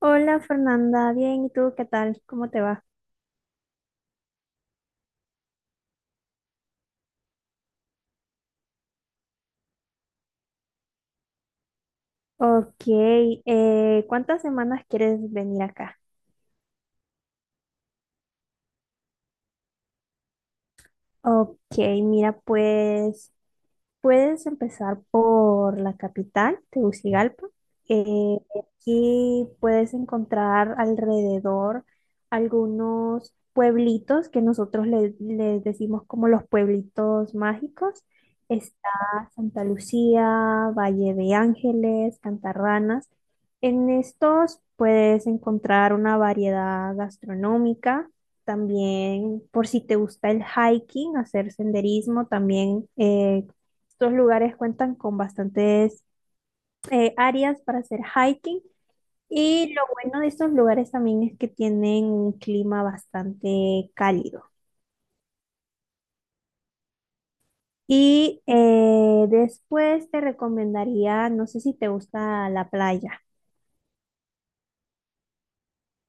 Hola Fernanda, bien, ¿y tú qué tal? ¿Cómo te va? Ok, ¿cuántas semanas quieres venir acá? Ok, mira, pues puedes empezar por la capital, Tegucigalpa. Eh, Aquí puedes encontrar alrededor algunos pueblitos que nosotros les decimos como los pueblitos mágicos. Está Santa Lucía, Valle de Ángeles, Cantarranas. En estos puedes encontrar una variedad gastronómica. También, por si te gusta el hiking, hacer senderismo, también estos lugares cuentan con bastantes áreas para hacer hiking, y lo bueno de estos lugares también es que tienen un clima bastante cálido. Y después te recomendaría, no sé si te gusta la playa.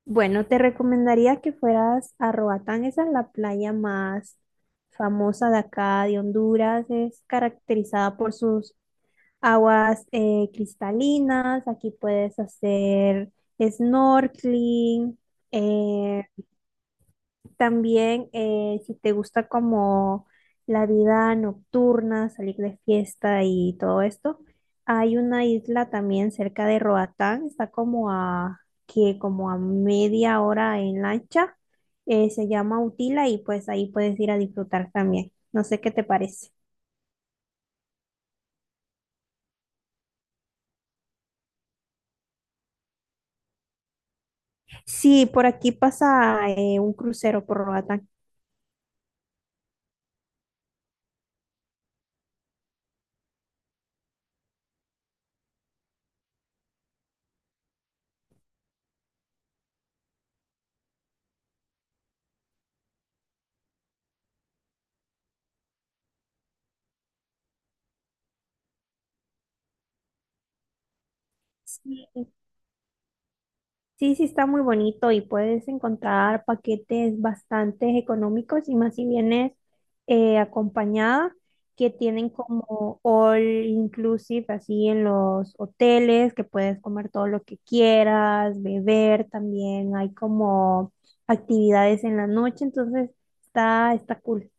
Bueno, te recomendaría que fueras a Roatán, esa es la playa más famosa de acá, de Honduras, es caracterizada por sus aguas cristalinas, aquí puedes hacer snorkeling, eh, también si te gusta como la vida nocturna, salir de fiesta y todo esto, hay una isla también cerca de Roatán, está como a, que como a media hora en lancha, se llama Utila y pues ahí puedes ir a disfrutar también. No sé qué te parece. Sí, por aquí pasa un crucero por Roatán. Sí, sí, sí está muy bonito y puedes encontrar paquetes bastante económicos y más si vienes acompañada, que tienen como all inclusive así en los hoteles, que puedes comer todo lo que quieras, beber, también hay como actividades en la noche, entonces está cool.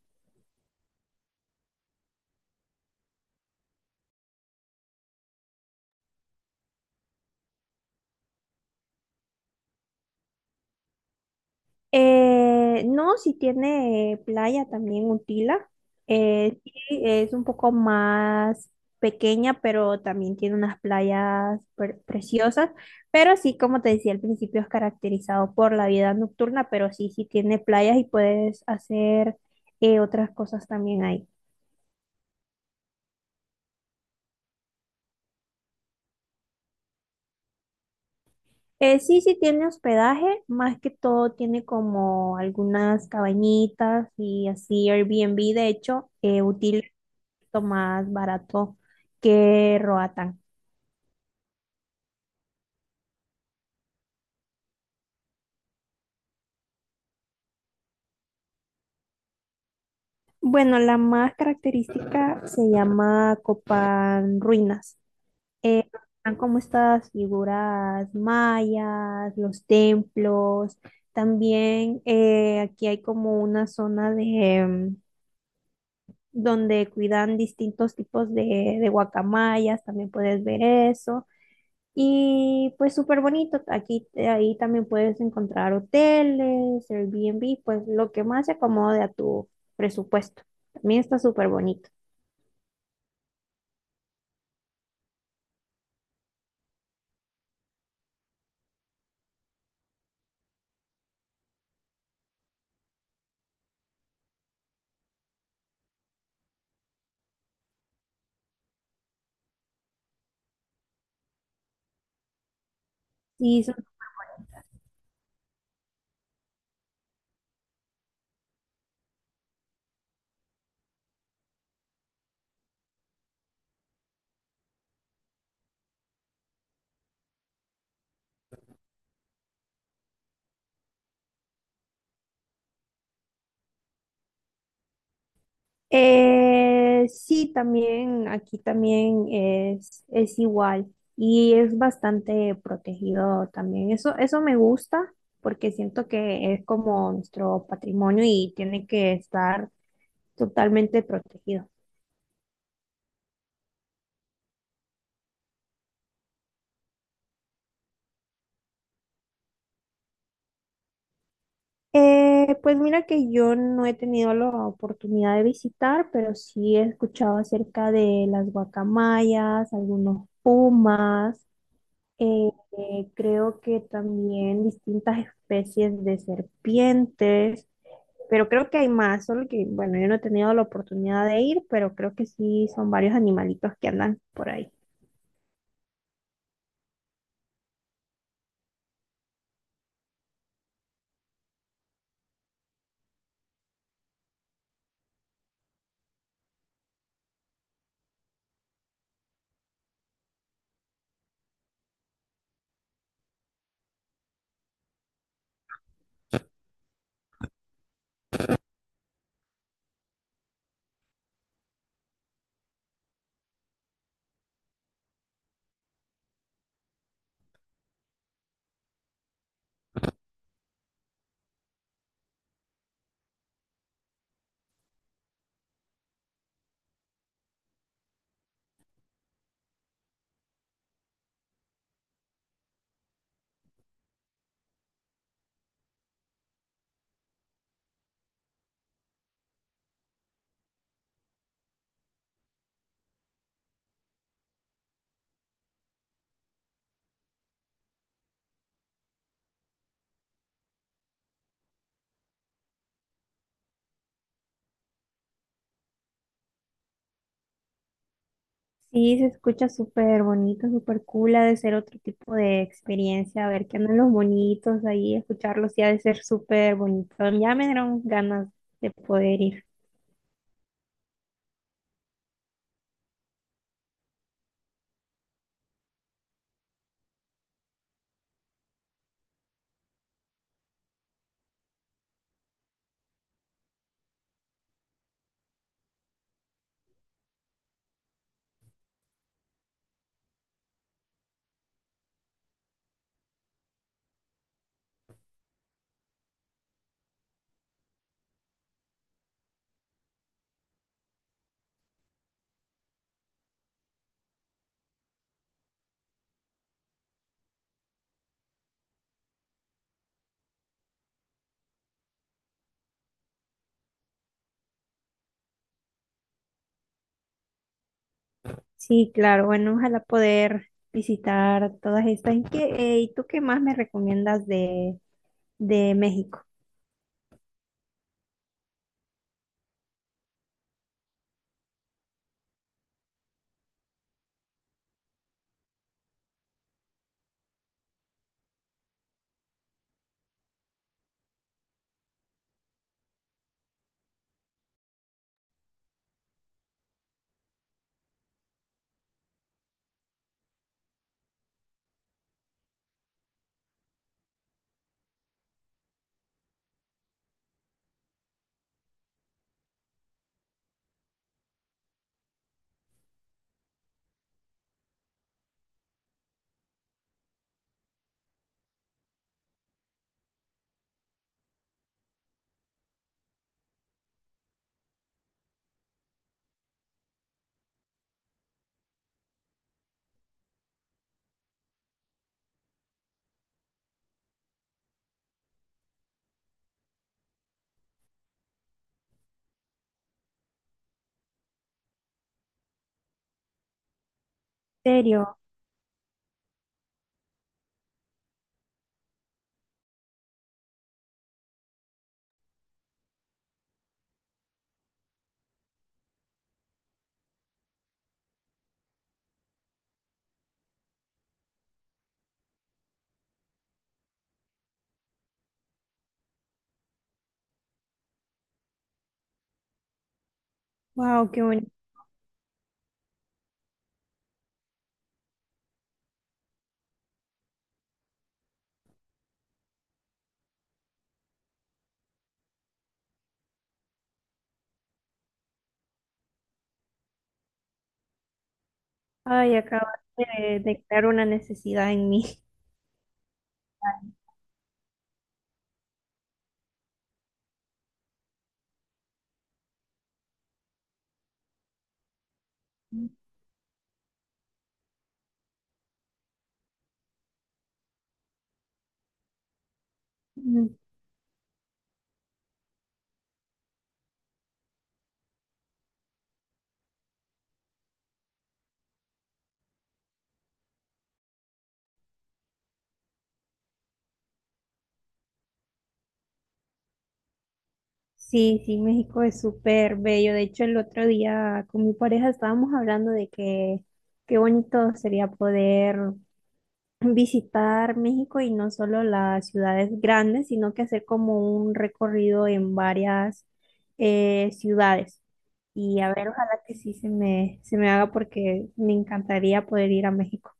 No, si tiene playa también Utila. Sí, es un poco más pequeña, pero también tiene unas playas preciosas. Pero sí, como te decía al principio, es caracterizado por la vida nocturna, pero sí tiene playas y puedes hacer otras cosas también ahí. Sí, sí tiene hospedaje, más que todo tiene como algunas cabañitas y así Airbnb, de hecho, útil más barato que Roatán. Bueno, la más característica se llama Copán Ruinas. Eh, Están como estas figuras mayas, los templos. También aquí hay como una zona de em, donde cuidan distintos tipos de guacamayas, también puedes ver eso. Y pues súper bonito, aquí ahí también puedes encontrar hoteles, Airbnb, pues lo que más se acomode a tu presupuesto. También está súper bonito. Sí, son- sí, también aquí también es igual y es bastante protegido también. Eso me gusta porque siento que es como nuestro patrimonio y tiene que estar totalmente protegido. Pues mira que yo no he tenido la oportunidad de visitar, pero sí he escuchado acerca de las guacamayas, algunos pumas, eh, creo que también distintas especies de serpientes, pero creo que hay más, solo que, bueno, yo no he tenido la oportunidad de ir, pero creo que sí son varios animalitos que andan por ahí. Sí, se escucha súper bonito, súper cool, ha de ser otro tipo de experiencia, a ver qué andan los bonitos ahí, escucharlos, sí, ha de ser súper bonito. Ya me dieron ganas de poder ir. Sí, claro, bueno, ojalá poder visitar todas estas. ¿Y qué, y tú qué más me recomiendas de México? ¿En serio? Wow, qué bonito. Ay, acabas de crear una necesidad en mí. Sí, sí, México es súper bello. De hecho, el otro día con mi pareja estábamos hablando de que qué bonito sería poder visitar México y no solo las ciudades grandes, sino que hacer como un recorrido en varias ciudades. Y a ver, ojalá que sí se me haga porque me encantaría poder ir a México.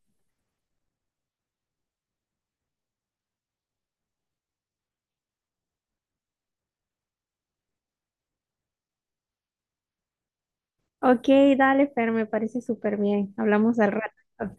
Ok, dale, Fer, me parece súper bien. Hablamos al rato.